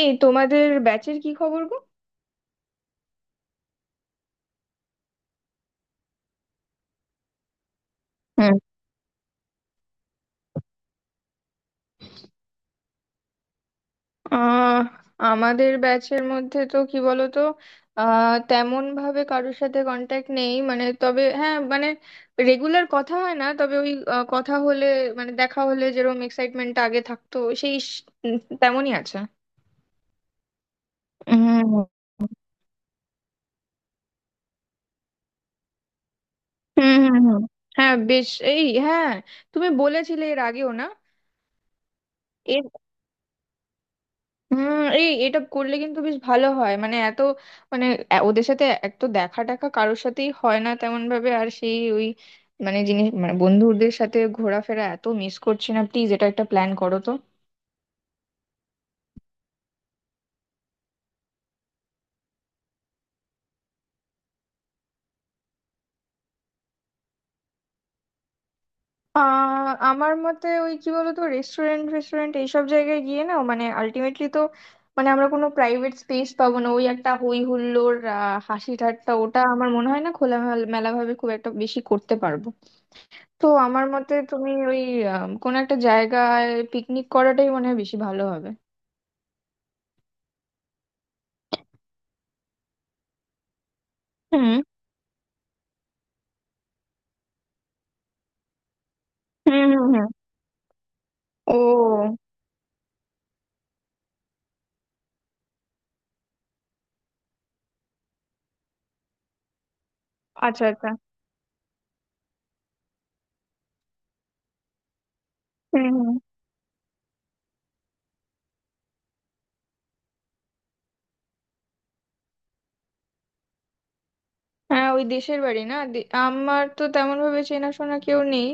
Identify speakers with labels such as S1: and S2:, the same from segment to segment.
S1: এই তোমাদের ব্যাচের কি খবর গো? হুম। আহ আমাদের ব্যাচের মধ্যে তো কি বলতো, তেমন ভাবে কারোর সাথে কন্ট্যাক্ট নেই, মানে তবে হ্যাঁ, মানে রেগুলার কথা হয় না, তবে ওই কথা হলে, মানে দেখা হলে যেরকম এক্সাইটমেন্ট আগে থাকতো সেই তেমনই আছে। হুম, হুম, হুম। হুম, হ্যাঁ বেশ, এই, হ্যাঁ। তুমি বলেছিলে এর আগেও না? হুম, এই এটা করলে কিন্তু বেশ ভালো হয়, মানে এত, মানে ওদের সাথে এক তো দেখা টাকা কারোর সাথেই হয় না তেমন ভাবে, আর সেই ওই, মানে জিনিস, মানে বন্ধুদের সাথে ঘোরাফেরা এত মিস করছি না, প্লিজ এটা একটা প্ল্যান করো তো। আমার মতে ওই কি বলতো, রেস্টুরেন্ট রেস্টুরেন্ট এইসব জায়গায় গিয়ে না, মানে আলটিমেটলি তো মানে আমরা কোনো প্রাইভেট স্পেস পাবো না, ওই একটা হই হুল্লোড়, হাসি ঠাট্টা ওটা আমার মনে হয় না খোলামেলা ভাবে খুব একটা বেশি করতে পারবো। তো আমার মতে তুমি ওই কোনো একটা জায়গায় পিকনিক করাটাই মনে হয় বেশি ভালো হবে। হুম, হুম, হুম, হুম। ও, আচ্ছা, আচ্ছা। হুম, হুম। হ্যাঁ, ওই দেশের বাড়ি না আমার তো তেমন ভাবে চেনাশোনা কেউ নেই।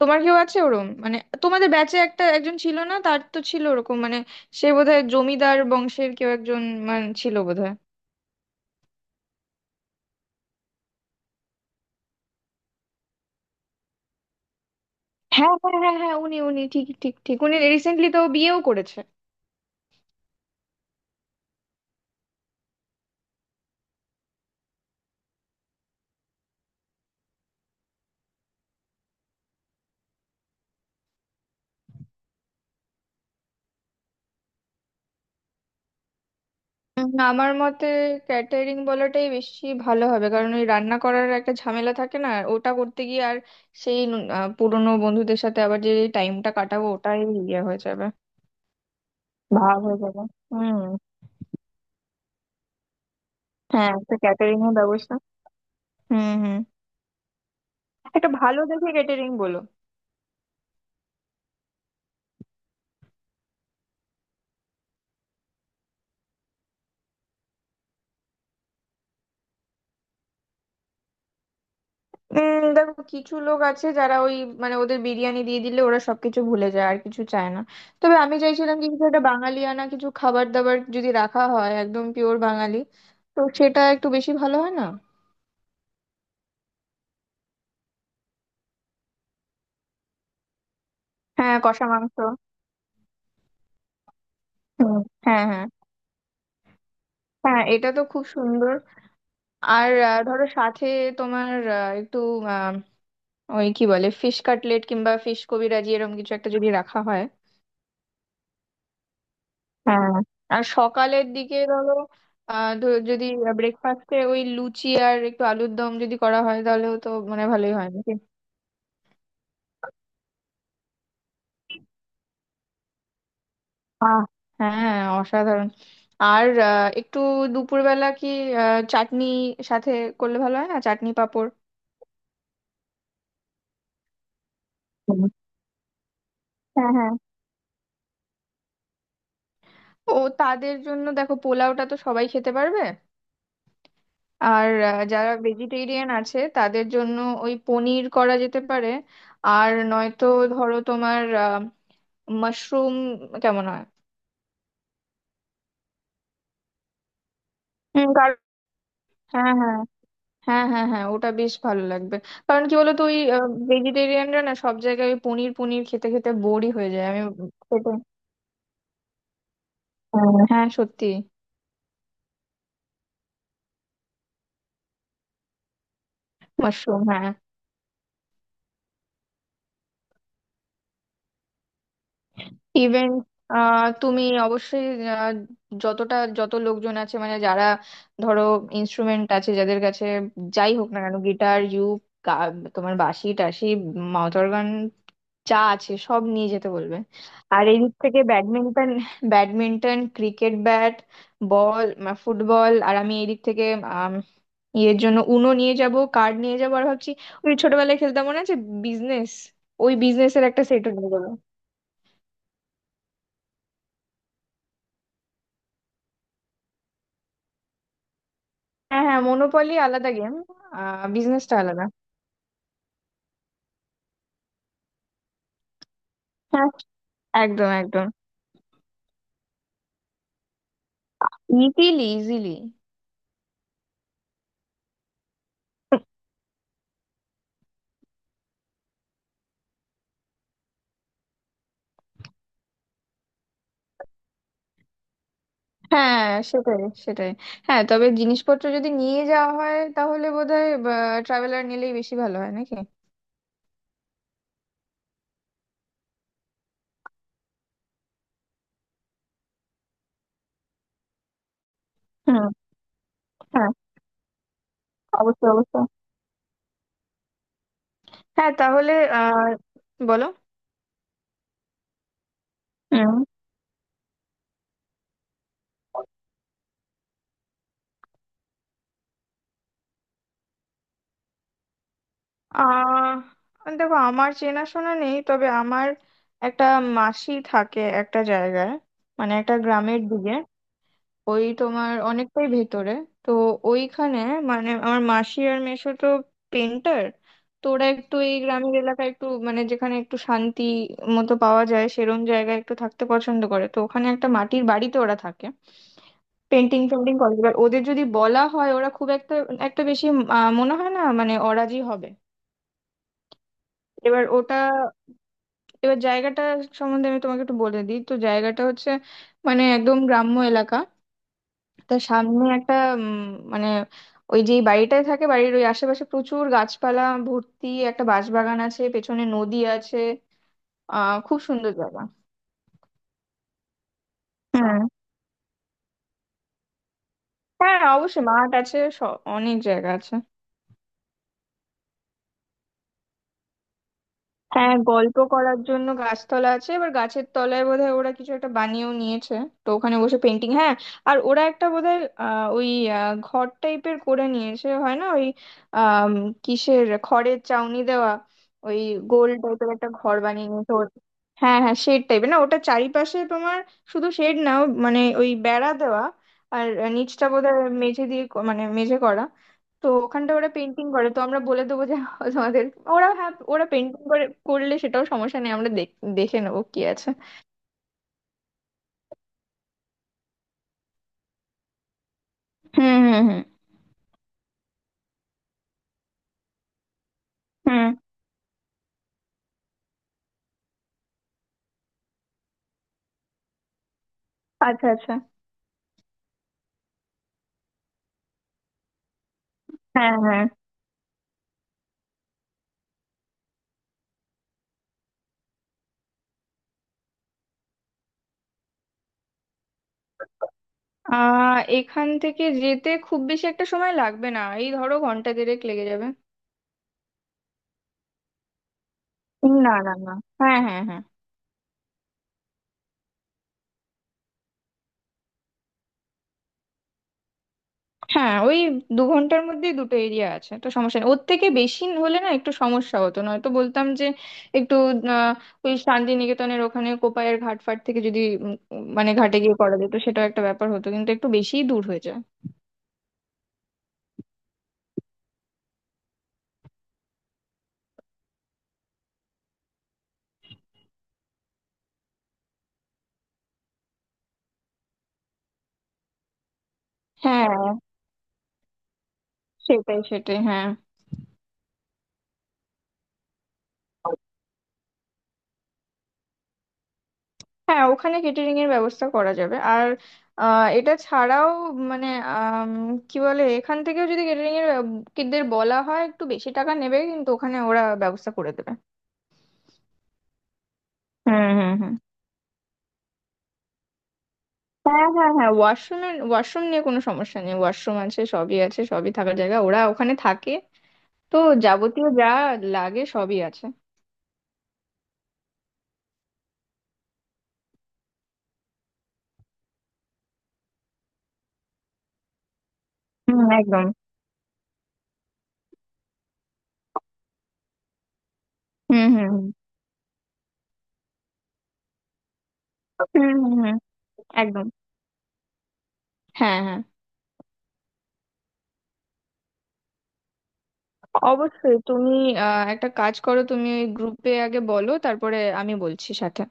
S1: তোমার কেউ আছে ওরম, মানে? তোমাদের ব্যাচে একটা একজন ছিল না, তার তো ছিল ওরকম, মানে সে বোধহয় জমিদার বংশের কেউ একজন, মানে ছিল বোধহয়। হ্যাঁ, হ্যাঁ, হ্যাঁ, হ্যাঁ, উনি উনি ঠিক, ঠিক, ঠিক, উনি রিসেন্টলি তো বিয়েও করেছে। আমার মতে ক্যাটারিং বলাটাই বেশি ভালো হবে, কারণ ওই রান্না করার একটা ঝামেলা থাকে না ওটা করতে গিয়ে, আর সেই পুরনো বন্ধুদের সাথে আবার যে টাইমটা কাটাবো ওটাই ইয়ে হয়ে যাবে। ভাব হয়ে যাবে। হুম। হ্যাঁ, একটা ক্যাটারিং এর ব্যবস্থা। হুম, হুম। একটা ভালো দেখে ক্যাটারিং বলো। দেখো, কিছু লোক আছে যারা ওই, মানে ওদের বিরিয়ানি দিয়ে দিলে ওরা সবকিছু ভুলে যায় আর কিছু চায় না। তবে আমি চাইছিলাম কি কিছু একটা বাঙালিয়ানা কিছু খাবার দাবার যদি রাখা হয়, একদম পিওর বাঙালি, তো সেটা একটু বেশি ভালো হয় না? হ্যাঁ, কষা মাংস। হুম। হ্যাঁ, হ্যাঁ। হ্যাঁ, এটা তো খুব সুন্দর। আর ধরো সাথে তোমার একটু আহ, ওই কি বলে, ফিশ কাটলেট কিংবা ফিশ কবিরাজি এরকম কিছু একটা যদি রাখা হয়। হ্যাঁ। আর সকালের দিকে ধরো, যদি ব্রেকফাস্টে ওই লুচি আর একটু আলুর দম যদি করা হয় তাহলেও তো মানে ভালোই হয় নাকি? আহ হ্যাঁ, অসাধারণ। আর একটু দুপুরবেলা কি চাটনি সাথে করলে ভালো হয় না, চাটনি পাঁপড়? হুম। হ্যাঁ, হ্যাঁ। ও, তাদের জন্য দেখো পোলাওটা তো সবাই খেতে পারবে। আর যারা ভেজিটেরিয়ান আছে তাদের জন্য ওই পনির করা যেতে পারে, আর নয়তো ধরো তোমার মাশরুম, কেমন হয়? হুম, কারণ হ্যাঁ, হ্যাঁ। হ্যাঁ, হ্যাঁ, হ্যাঁ, ওটা বেশ ভালো লাগবে। কারণ কি বলতো ওই ভেজিটেরিয়ানরা না সব জায়গায় ওই পনির পনির খেতে খেতে বোরই হয়ে যায়, আমি খেতে। হ্যাঁ, হ্যাঁ, সত্যি। মাশরুম, হ্যাঁ। ইভেন তুমি অবশ্যই আহ, যতটা যত লোকজন আছে, মানে যারা, ধরো ইনস্ট্রুমেন্ট আছে যাদের কাছে, যাই হোক না কেন, গিটার, ইউক, গা- তোমার বাঁশি টাশি, মাউথ অর্গান, যা আছে সব নিয়ে যেতে বলবে। আর এই দিক থেকে badminton, cricket bat, ball, football. আর আমি এই দিক থেকে আম, ইয়ের জন্য উনো নিয়ে যাব, কার্ড নিয়ে যাবো, আর ভাবছি ওই ছোটবেলায় খেলতাম মনে আছে, বিজনেস, ওই বিজনেসের একটা সেটও নিয়ে যাবো। হ্যাঁ, হ্যাঁ, মনোপলি আলাদা গেম, বিজনেসটা আলাদা। হ্যাঁ, একদম, একদম। Easily, easily. হ্যাঁ, সেটাই, সেটাই। হ্যাঁ, তবে জিনিসপত্র যদি নিয়ে যাওয়া হয় তাহলে বোধহয় ট্রাভেলার নিলেই বেশি ভালো হয় নাকি? হুম, হ্যাঁ, অবশ্যই, অবশ্যই। হ্যাঁ, তাহলে আহ বলো। হুম। দেখো, আমার চেনাশোনা নেই, তবে আমার একটা মাসি থাকে একটা জায়গায়, মানে একটা গ্রামের দিকে, ওই তোমার অনেকটাই ভেতরে। তো ওইখানে, মানে আমার মাসি আর মেসো তো পেন্টার, তো ওরা একটু এই গ্রামের এলাকায় একটু, মানে যেখানে একটু শান্তি মতো পাওয়া যায় সেরম জায়গায় একটু থাকতে পছন্দ করে, তো ওখানে একটা মাটির বাড়িতে ওরা থাকে, পেন্টিং পেন্টিং করে। এবার ওদের যদি বলা হয় ওরা খুব একটা একটা বেশি মনে হয় না, মানে অরাজি হবে। এবার ওটা, এবার জায়গাটা সম্বন্ধে আমি তোমাকে একটু বলে দিই, তো জায়গাটা হচ্ছে মানে একদম গ্রাম্য এলাকা, তার সামনে একটা উম, মানে ওই যেই বাড়িটায় থাকে বাড়ির ওই আশেপাশে প্রচুর গাছপালা ভর্তি, একটা বাঁশবাগান আছে, পেছনে নদী আছে, খুব সুন্দর জায়গা। হুম। হ্যাঁ অবশ্যই, মাঠ আছে, অনেক জায়গা আছে। হ্যাঁ, গল্প করার জন্য গাছতলা আছে, এবার গাছের তলায় বোধহয় ওরা কিছু একটা বানিয়েও নিয়েছে, তো ওখানে বসে পেন্টিং, হ্যাঁ। আর ওরা একটা বোধহয় ওই ঘর টাইপের করে নিয়েছে, হয় না ওই আম, কিসের, খড়ের চাউনি দেওয়া ওই গোল টাইপের একটা ঘর বানিয়ে নিয়েছে হ্যাঁ, হ্যাঁ, শেড টাইপের না, ওটা চারিপাশে তোমার, শুধু শেড না, ও মানে ওই বেড়া দেওয়া, আর নিচটা বোধহয় মেঝে দিয়ে, মানে মেঝে করা। তো ওখানটা ওরা পেন্টিং করে, তো আমরা বলে দেবো যে তোমাদের ওরা, হ্যাঁ ওরা পেন্টিং করে করলে সেটাও সমস্যা নেই, আমরা দেখে নেবো কি আছে। হুম, হুম, হুম, হুম। আচ্ছা, আচ্ছা। হ্যাঁ, হ্যাঁ। এখান থেকে যেতে খুব বেশি একটা সময় লাগবে না, এই ধরো ঘন্টা দেড়েক লেগে যাবে। না, না, না। হ্যাঁ, হ্যাঁ, হ্যাঁ, হ্যাঁ। ওই দু ঘন্টার মধ্যেই দুটো এরিয়া আছে তো সমস্যা নেই, ওর থেকে বেশি হলে না একটু সমস্যা হতো, নয়তো বলতাম যে একটু আহ, ওই শান্তিনিকেতনের ওখানে কোপায়ের ঘাট ফাট থেকে যদি মানে ঘাটে গিয়ে করা যেত সেটাও একটা ব্যাপার হতো, কিন্তু একটু বেশিই দূর হয়ে যায়। হ্যাঁ, সেটাই, সেটাই, হ্যাঁ। হ্যাঁ, ওখানে কেটারিং এর ব্যবস্থা করা যাবে, আর এটা ছাড়াও, মানে আম, কি বলে এখান থেকেও যদি কেটারিং এর দের বলা হয়, একটু বেশি টাকা নেবে কিন্তু ওখানে ওরা ব্যবস্থা করে দেবে। হুম, হুম, হুম। হ্যাঁ, হ্যাঁ, হ্যাঁ, ওয়াশরুম। ওয়াশরুম নিয়ে কোনো সমস্যা নেই, ওয়াশরুম আছে, সবই আছে, সবই, থাকার জায়গা ওরা ওখানে থাকে, তো যাবতীয় যা লাগে সবই আছে। হুম, একদম। হুম, হুম, হুম, হুম, হুম, হুম, একদম। হ্যাঁ, হ্যাঁ, অবশ্যই। তুমি একটা কাজ করো, তুমি ওই গ্রুপে আগে বলো, তারপরে আমি বলছি সাথে।